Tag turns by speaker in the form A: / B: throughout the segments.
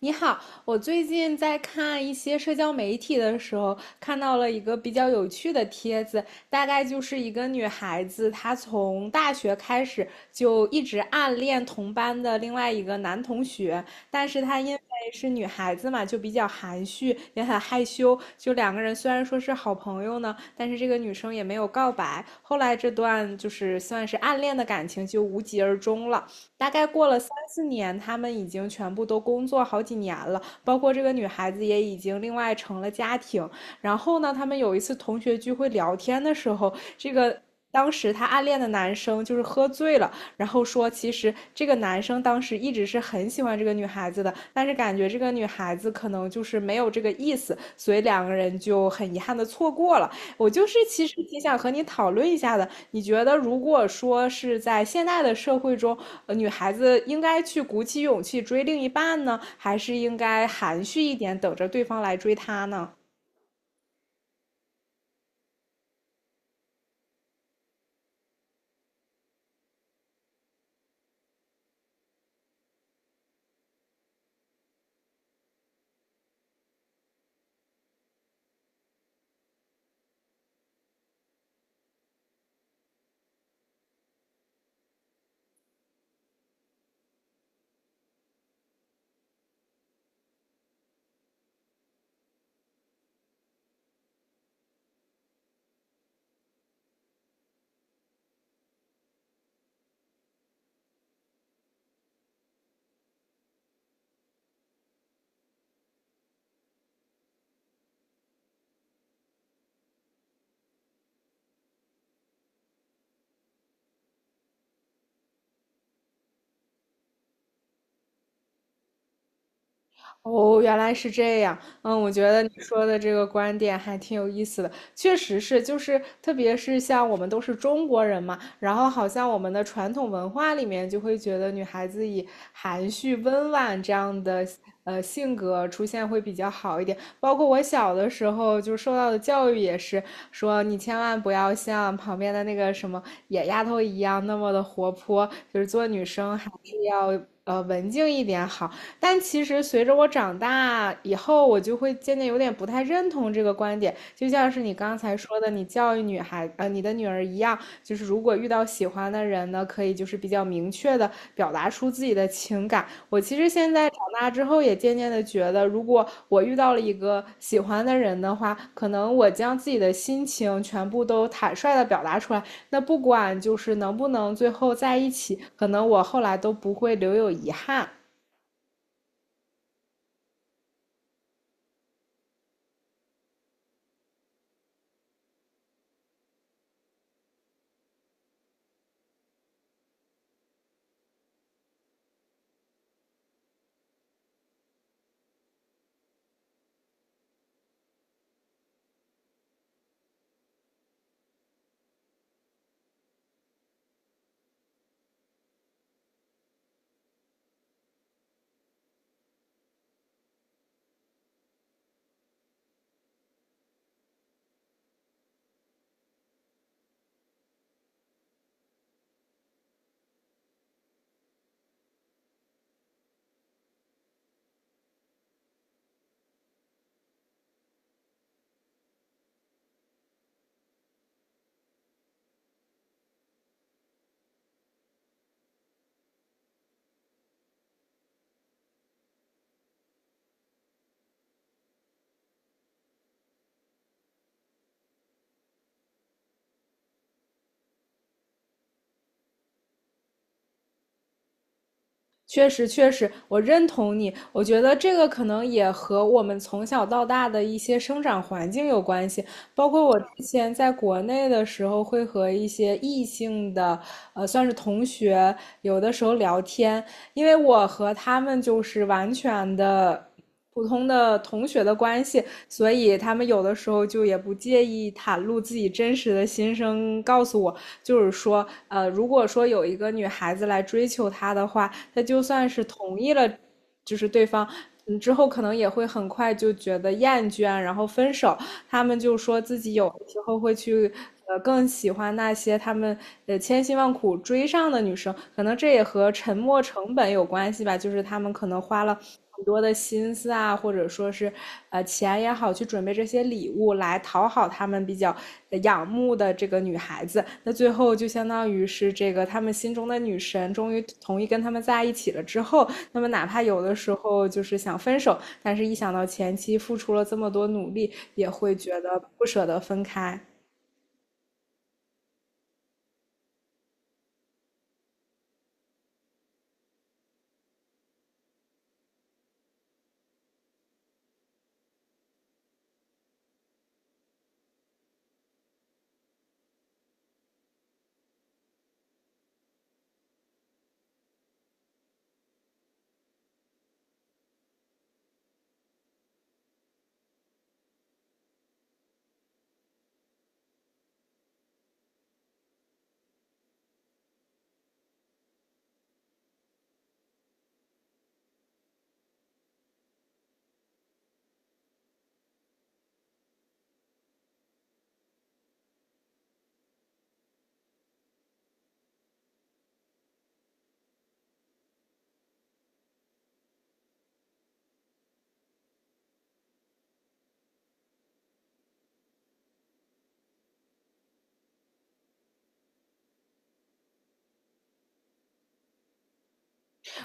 A: 你好，我最近在看一些社交媒体的时候，看到了一个比较有趣的帖子，大概就是一个女孩子，她从大学开始就一直暗恋同班的另外一个男同学，但是她因为是女孩子嘛，就比较含蓄，也很害羞，就两个人虽然说是好朋友呢，但是这个女生也没有告白，后来这段就是算是暗恋的感情就无疾而终了。大概过了三四年，他们已经全部都工作好几年了，包括这个女孩子也已经另外成了家庭。然后呢，他们有一次同学聚会聊天的时候，这个。当时他暗恋的男生就是喝醉了，然后说其实这个男生当时一直是很喜欢这个女孩子的，但是感觉这个女孩子可能就是没有这个意思，所以两个人就很遗憾的错过了。我就是其实挺想和你讨论一下的。你觉得如果说是在现代的社会中，女孩子应该去鼓起勇气追另一半呢，还是应该含蓄一点，等着对方来追她呢？哦，原来是这样。嗯，我觉得你说的这个观点还挺有意思的，确实是，就是特别是像我们都是中国人嘛，然后好像我们的传统文化里面就会觉得女孩子以含蓄温婉这样的性格出现会比较好一点。包括我小的时候就受到的教育也是说，你千万不要像旁边的那个什么野丫头一样那么的活泼，就是做女生还是要文静一点好。但其实随着我长大以后，我就会渐渐有点不太认同这个观点。就像是你刚才说的，你教育女孩，你的女儿一样，就是如果遇到喜欢的人呢，可以就是比较明确的表达出自己的情感。我其实现在长大之后，也渐渐的觉得，如果我遇到了一个喜欢的人的话，可能我将自己的心情全部都坦率的表达出来，那不管就是能不能最后在一起，可能我后来都不会留有遗憾。确实，确实，我认同你。我觉得这个可能也和我们从小到大的一些生长环境有关系。包括我之前在国内的时候，会和一些异性的，算是同学，有的时候聊天，因为我和他们就是完全的。普通的同学的关系，所以他们有的时候就也不介意袒露自己真实的心声，告诉我，就是说，如果说有一个女孩子来追求他的话，他就算是同意了，就是对方，嗯，之后可能也会很快就觉得厌倦，然后分手。他们就说自己有时候会去，更喜欢那些他们千辛万苦追上的女生，可能这也和沉没成本有关系吧，就是他们可能花了。很多的心思啊，或者说是，钱也好，去准备这些礼物来讨好好他们比较仰慕的这个女孩子，那最后就相当于是这个他们心中的女神终于同意跟他们在一起了之后，那么哪怕有的时候就是想分手，但是一想到前期付出了这么多努力，也会觉得不舍得分开。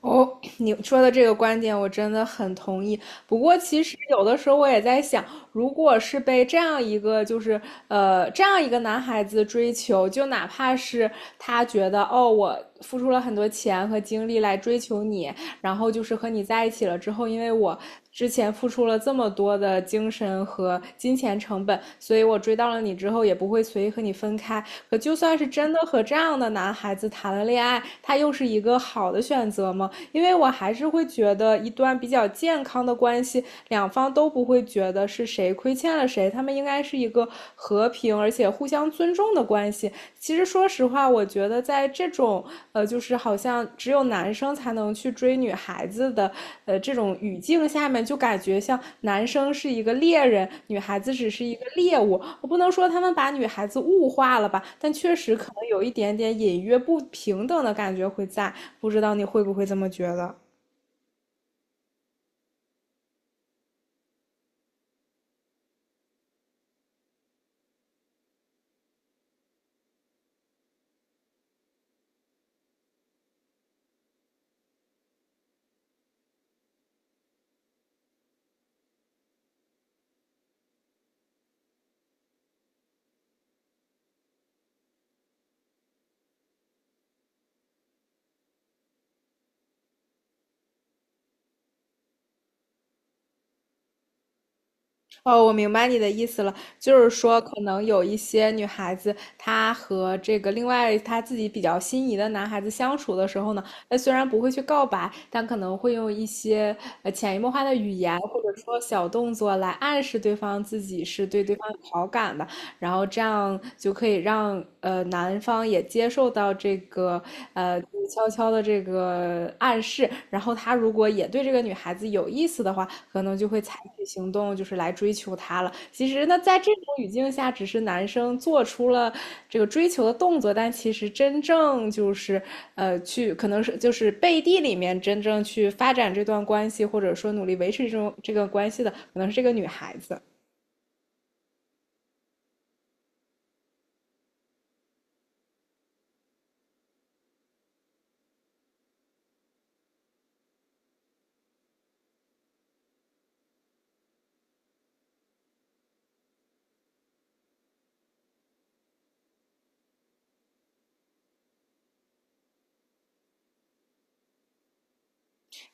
A: 哦，你说的这个观点我真的很同意。不过，其实有的时候我也在想，如果是被这样一个就是这样一个男孩子追求，就哪怕是他觉得哦我付出了很多钱和精力来追求你，然后就是和你在一起了之后，因为我之前付出了这么多的精神和金钱成本，所以我追到了你之后也不会随意和你分开。可就算是真的和这样的男孩子谈了恋爱，他又是一个好的选择吗？因为我还是会觉得一段比较健康的关系，两方都不会觉得是谁亏欠了谁，他们应该是一个和平。平而且互相尊重的关系。其实说实话，我觉得在这种就是好像只有男生才能去追女孩子的这种语境下面，就感觉像男生是一个猎人，女孩子只是一个猎物。我不能说他们把女孩子物化了吧，但确实可能有一点点隐约不平等的感觉会在。不知道你会不会这么觉得？哦，我明白你的意思了，就是说，可能有一些女孩子，她和这个另外她自己比较心仪的男孩子相处的时候呢，她虽然不会去告白，但可能会用一些潜移默化的语言或者说小动作来暗示对方自己是对对方有好感的，然后这样就可以让男方也接受到这个静悄悄的这个暗示，然后他如果也对这个女孩子有意思的话，可能就会采取行动，就是来追求她了。其实呢，在这种语境下，只是男生做出了这个追求的动作，但其实真正就是去可能是就是背地里面真正去发展这段关系，或者说努力维持这种这个关系的，可能是这个女孩子。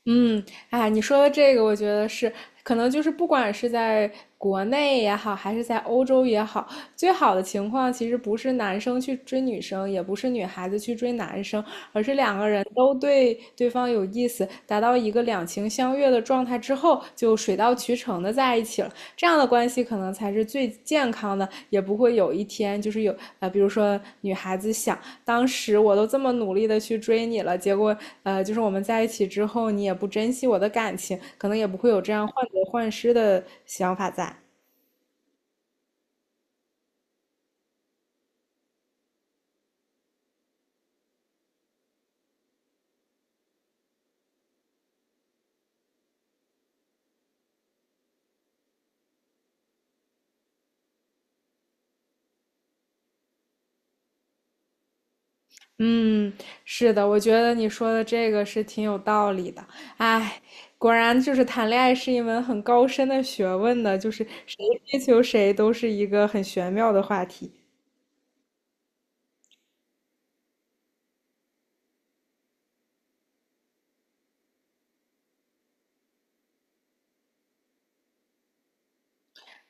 A: 嗯，啊，你说的这个，我觉得是，可能就是不管是在国内也好，还是在欧洲也好，最好的情况其实不是男生去追女生，也不是女孩子去追男生，而是两个人都对对方有意思，达到一个两情相悦的状态之后，就。就水到渠成的在一起了。这样的关系可能才是最健康的，也不会有一天就是有比如说女孩子想，当时我都这么努力的去追你了，结果就是我们在一起之后，你也不珍惜我的感情，可能也不会有这样患得患失的想法在。嗯，是的，我觉得你说的这个是挺有道理的。哎，果然就是谈恋爱是一门很高深的学问的，就是谁追求谁都是一个很玄妙的话题。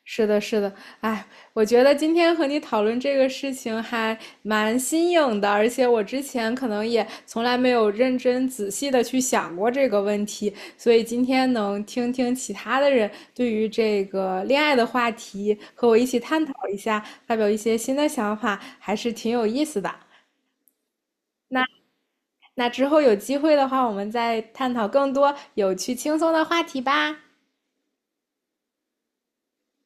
A: 是的，是的，哎，我觉得今天和你讨论这个事情还蛮新颖的，而且我之前可能也从来没有认真仔细的去想过这个问题，所以今天能听听其他的人对于这个恋爱的话题和我一起探讨一下，发表一些新的想法，还是挺有意思的。那之后有机会的话，我们再探讨更多有趣轻松的话题吧。